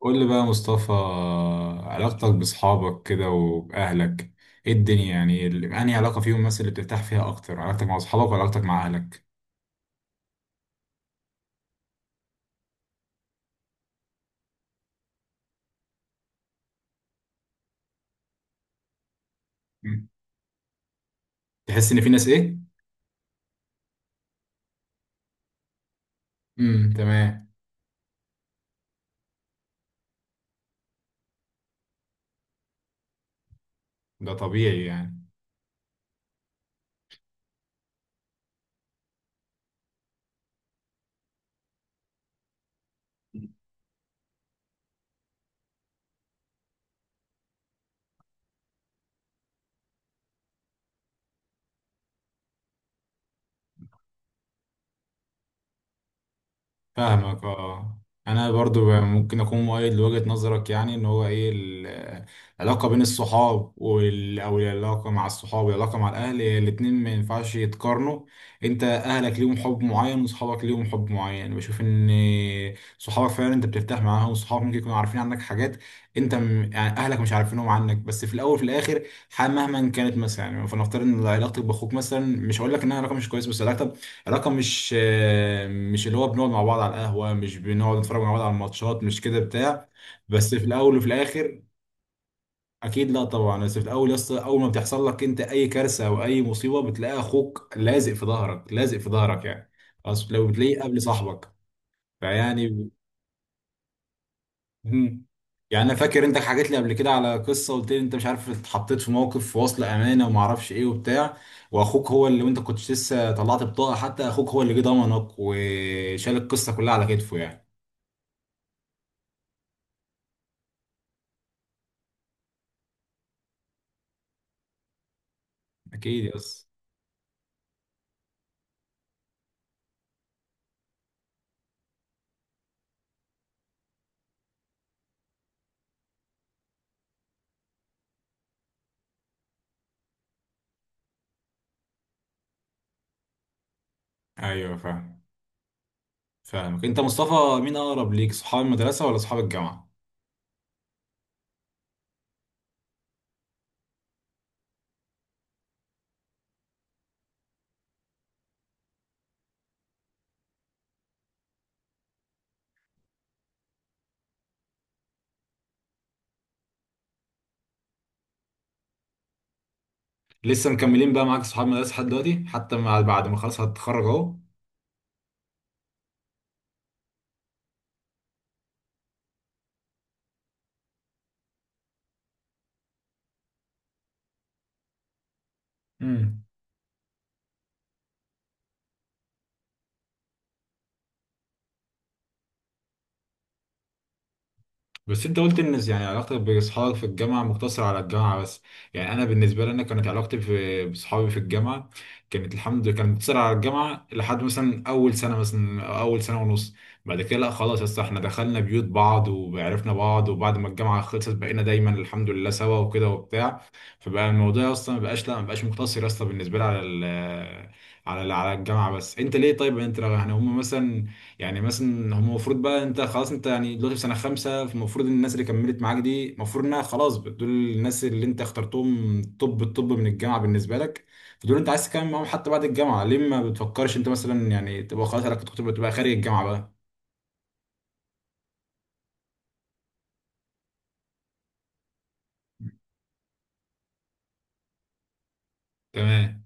قول لي بقى يا مصطفى، علاقتك بأصحابك كده وبأهلك ايه الدنيا؟ يعني انهي علاقة فيهم مثلا اللي بترتاح فيها أكتر، علاقتك مع أصحابك ولا علاقتك مع أهلك؟ مم. تحس إن في ناس ايه؟ امم، تمام. ده طبيعي يعني. فاهمك، اه. انا برضو ممكن اكون مؤيد لوجهة نظرك، يعني ان هو ايه العلاقة بين الصحاب او العلاقة مع الصحاب والعلاقة مع الاهل، هي الاتنين ما ينفعش يتقارنوا. انت اهلك ليهم حب معين وصحابك ليهم حب معين، بشوف ان صحابك فعلا انت بترتاح معاهم، وصحابك ممكن يكونوا عارفين عنك حاجات انت يعني اهلك مش عارفينهم عنك. بس في الاول وفي الاخر مهما كانت، مثلا يعني فنفترض ان علاقتك باخوك مثلا، مش هقول لك انها علاقة مش كويسة، بس علاقتك علاقة مش مش اللي هو بنقعد مع بعض على القهوة، مش بنقعد نتفرج مع بعض على الماتشات، مش كده بتاع. بس في الأول وفي الآخر، أكيد لا طبعا. بس في الأول يا اسطى، أول ما بتحصل لك أنت أي كارثة أو أي مصيبة، بتلاقي أخوك لازق في ظهرك، لازق في ظهرك يعني. خلاص، لو بتلاقيه قبل صاحبك. فيعني. مم. يعني انا فاكر انت حكيت لي قبل كده على قصه، قلت لي انت مش عارف اتحطيت في موقف في وصل امانه وما اعرفش ايه وبتاع، واخوك هو اللي، وانت كنت لسه طلعت بطاقه، حتى اخوك هو اللي جه ضمنك وشال القصه كلها على كتفه يعني. اكيد، يس. ايوه فاهم. فاهمك. انت مصطفى، مين اقرب ليك، صحاب المدرسه ولا صحاب الجامعه؟ لسه مكملين بقى معاك صحاب المدرسه لحد دلوقتي، حتى مع بعد ما خلاص هتتخرج اهو؟ امم بس انت قلت ان يعني علاقتك باصحابك في الجامعه مقتصره على الجامعه بس. يعني انا بالنسبه لي انا، كانت علاقتي في باصحابي في الجامعه كانت، الحمد لله، كانت مقتصره على الجامعه لحد مثلا اول سنه، مثلا أو اول سنه ونص. بعد كده لا خلاص يا اسطى، احنا دخلنا بيوت بعض وعرفنا بعض، وبعد ما الجامعه خلصت بقينا دايما الحمد لله سوا وكده وبتاع. فبقى الموضوع اصلا ما بقاش، لا ما بقاش مقتصر اصلا بالنسبه لي على على الجامعه. بس انت ليه؟ طيب انت يعني هم مثلا، يعني مثلا هم المفروض بقى، انت خلاص انت يعني دلوقتي في سنه خمسه، فالمفروض الناس اللي كملت معاك دي المفروض انها خلاص دول الناس اللي انت اخترتهم، طب الطب من الجامعه بالنسبه لك. فدول انت عايز تكمل معاهم حتى بعد الجامعه، ليه ما بتفكرش انت مثلا، يعني تبقى خلاص علاقتك تبقى خارج الجامعه بقى؟ تمام.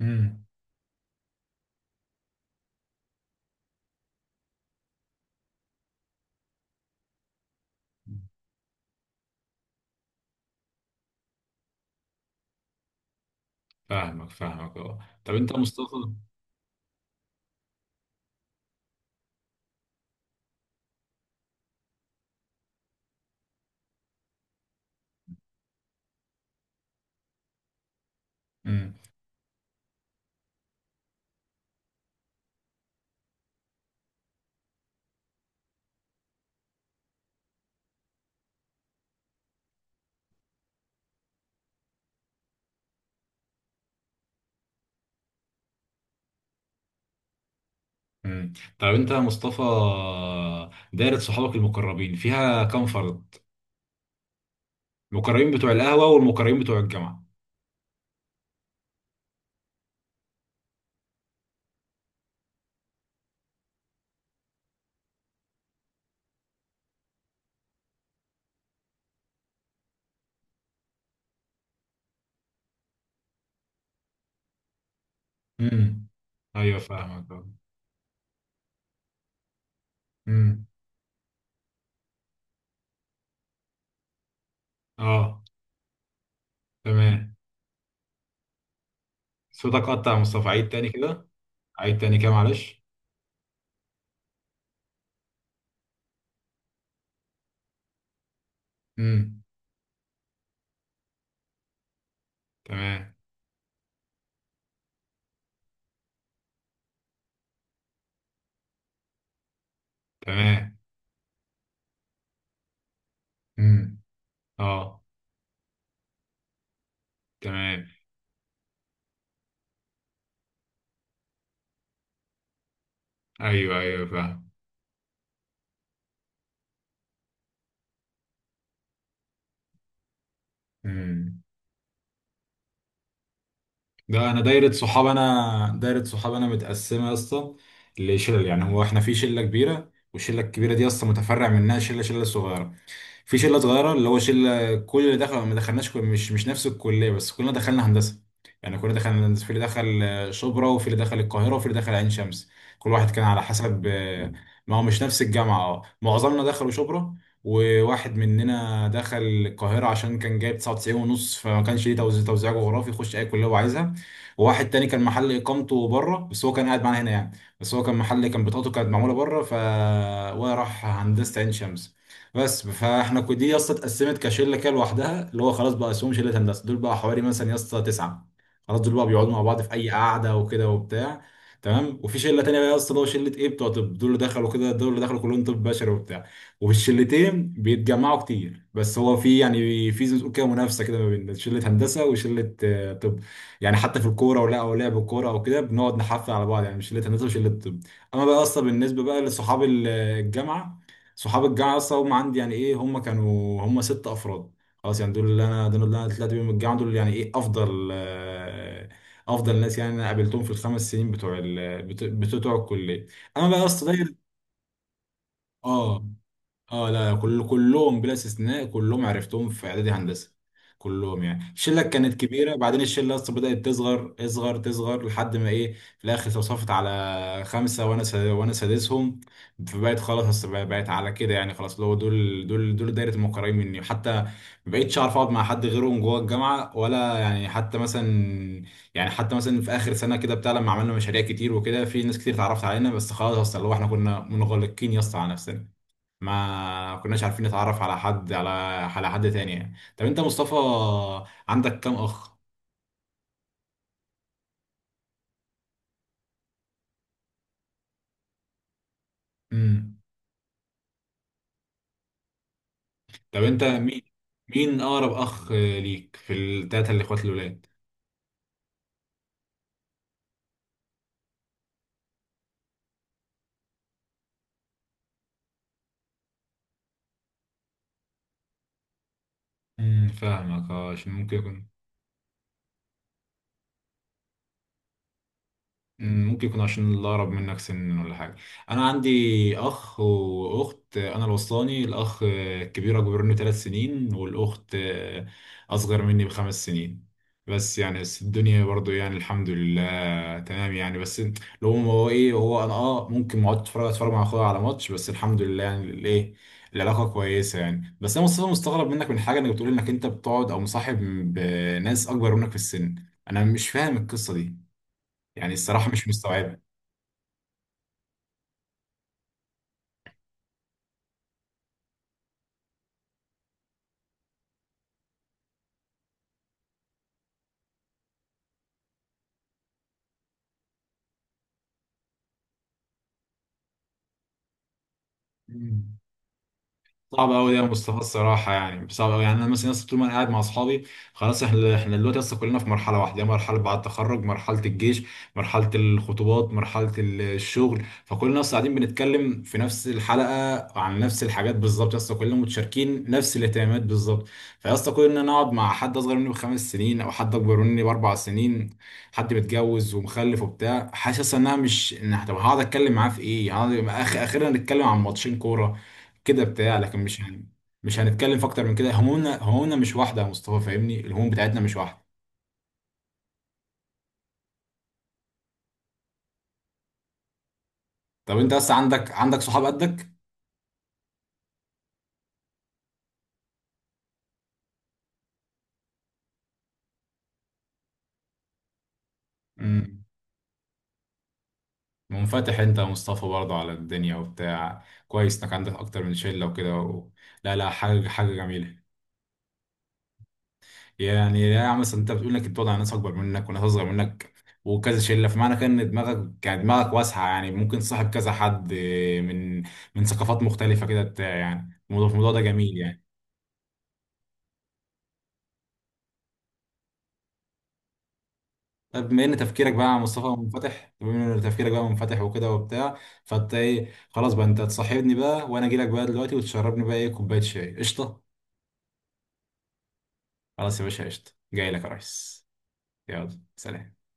امم. فاهمك. فاهمك، اه. طب انت يا مصطفى. امم، امم. طب انت يا مصطفى، دايره صحابك المقربين فيها كام فرد؟ المقربين بتوع القهوه والمقربين بتوع الجامعه. امم. ايوه فاهمك. امم. اه. تمام. صوتك قطع يا مصطفى، عيد تاني كده. عيد تاني كده، معلش. امم. تمام. تمام. امم. اه. تمام. ايوه، ايوه فاهم. امم. ده انا دايره صحاب انا متقسمه يا اسطى لشلل. يعني هو احنا في شله كبيره، والشله الكبيره دي اصلا متفرع منها شله شله صغيره. في شله صغيره اللي هو شله كل اللي دخل، ما دخلناش مش نفس الكليه، بس كلنا دخلنا هندسه. يعني كلنا دخلنا هندسه، في اللي دخل شبرا، وفي اللي دخل القاهره، وفي اللي دخل عين شمس. كل واحد كان على حسب. ما هو مش نفس الجامعه، اه، معظمنا دخلوا شبرا. وواحد مننا دخل القاهرة عشان كان جايب 99 ونص، فما كانش ليه توزيع جغرافي يخش أي كلية هو عايزها. وواحد تاني كان محل إقامته بره، بس هو كان قاعد معانا هنا يعني. بس هو كان بطاقته كانت معمولة بره، ف... وراح هندسة عين شمس. بس فاحنا دي يا اسطى اتقسمت كشله كده لوحدها، اللي هو خلاص بقى اسمهم شله هندسه، دول بقى حوالي مثلا يا اسطى تسعه. خلاص، دول بقى بيقعدوا مع بعض في اي قعده وكده وبتاع. تمام. وفي شله تانيه بقى يا اسطى، اللي هو شله ايه؟ بتوع طب. دول اللي دخلوا كلهم طب بشري وبتاع. وفي الشلتين بيتجمعوا كتير، بس هو في يعني في، زي ما تقول كده، منافسه كده ما بين شله هندسه وشله طب. يعني حتى في الكوره او لعب الكوره او كده، بنقعد نحفل على بعض، يعني شله هندسه وشله طب. اما بقى اصلا بالنسبه بقى لصحاب الجامعه، صحاب الجامعه اصلا هم عندي، يعني ايه، هم كانوا، هم ست افراد. خلاص يعني دول اللي انا طلعت بيهم من الجامعه، دول يعني ايه، افضل ناس، يعني انا قابلتهم في الخمس سنين بتوع بتوع الكليه. انا بقى يا اسطى داير. اه، اه، لا كلهم بلا استثناء، كلهم عرفتهم في اعدادي هندسه. كلهم يعني الشله كانت كبيره، بعدين الشله اصلا بدات تصغر، اصغر، تصغر، لحد ما ايه في الاخر توصفت على خمسه، وانا سادسهم. فبقت خلاص، بقت على كده، يعني خلاص اللي هو دول دايره المقربين مني. حتى ما بقتش اعرف اقعد مع حد غيرهم جوه الجامعه، ولا يعني حتى مثلا، في اخر سنه كده بتاع لما عملنا مشاريع كتير وكده، في ناس كتير اتعرفت علينا، بس خلاص اصلا اللي هو احنا كنا منغلقين يا اسطى على نفسنا. ما كناش عارفين نتعرف على حد، على حد تاني يعني. طب انت مصطفى، عندك كام اخ؟ امم. طب انت مين اقرب اخ ليك في التلاتة الاخوات الولاد؟ امم. فاهمك. اه، عشان ممكن يكون عشان اللي اقرب منك سن ولا حاجه. انا عندي اخ واخت، انا الوسطاني، الاخ الكبير اكبر مني 3 سنين، والاخت اصغر مني ب5 سنين. بس الدنيا برضو يعني الحمد لله، تمام يعني. بس لو هو ايه هو، انا ممكن ما اقعد اتفرج مع اخويا على ماتش، بس الحمد لله يعني الايه، العلاقه كويسه يعني. بس انا مصطفى مستغرب منك من حاجه، انك بتقول انك انت بتقعد او مصاحب بناس اكبر منك في السن. انا مش فاهم القصه دي، يعني الصراحة مش مستوعبة. مم. صعب قوي يا مصطفى الصراحه، يعني صعب قوي. يعني انا مثلا لسه طول ما انا قاعد مع اصحابي، خلاص احنا دلوقتي لسه كلنا في مرحله واحده، مرحله بعد التخرج، مرحله الجيش، مرحله الخطوبات، مرحله الشغل. فكلنا لسه قاعدين بنتكلم في نفس الحلقه عن نفس الحاجات بالظبط، لسه كلنا متشاركين نفس الاهتمامات بالظبط. فلسه، كل ان انا اقعد مع حد اصغر مني ب5 سنين او حد اكبر مني ب4 سنين، حد متجوز ومخلف وبتاع، حاسس انها مش إن- طب هقعد اتكلم معاه في ايه؟ هقعد اخيرا نتكلم عن ماتشين كوره كده بتاع. لكن مش هنتكلم في اكتر من كده، همومنا همومنا مش واحده يا مصطفى، فاهمني، الهموم بتاعتنا مش واحده. طب انت بس عندك صحاب قدك؟ امم. منفتح انت يا مصطفى برضه على الدنيا وبتاع، كويس انك عندك اكتر من شله وكده و... لا، لا، حاجه حاجه جميله. يعني يا عم مثلا انت بتقول انك بتقعد على ناس اكبر منك وناس اصغر منك وكذا شله، فمعنى كده ان دماغك، يعني دماغك واسعه، يعني ممكن تصاحب كذا حد من من ثقافات مختلفه كده بتاع، يعني الموضوع ده جميل يعني. بما ان تفكيرك بقى منفتح وكده وبتاع، فانت ايه؟ خلاص بقى انت تصاحبني بقى، وانا اجي لك بقى دلوقتي، وتشربني بقى ايه، كوبايه شاي، قشطه. خلاص يا باشا، قشطه، جاي لك يا ريس، يلا سلام.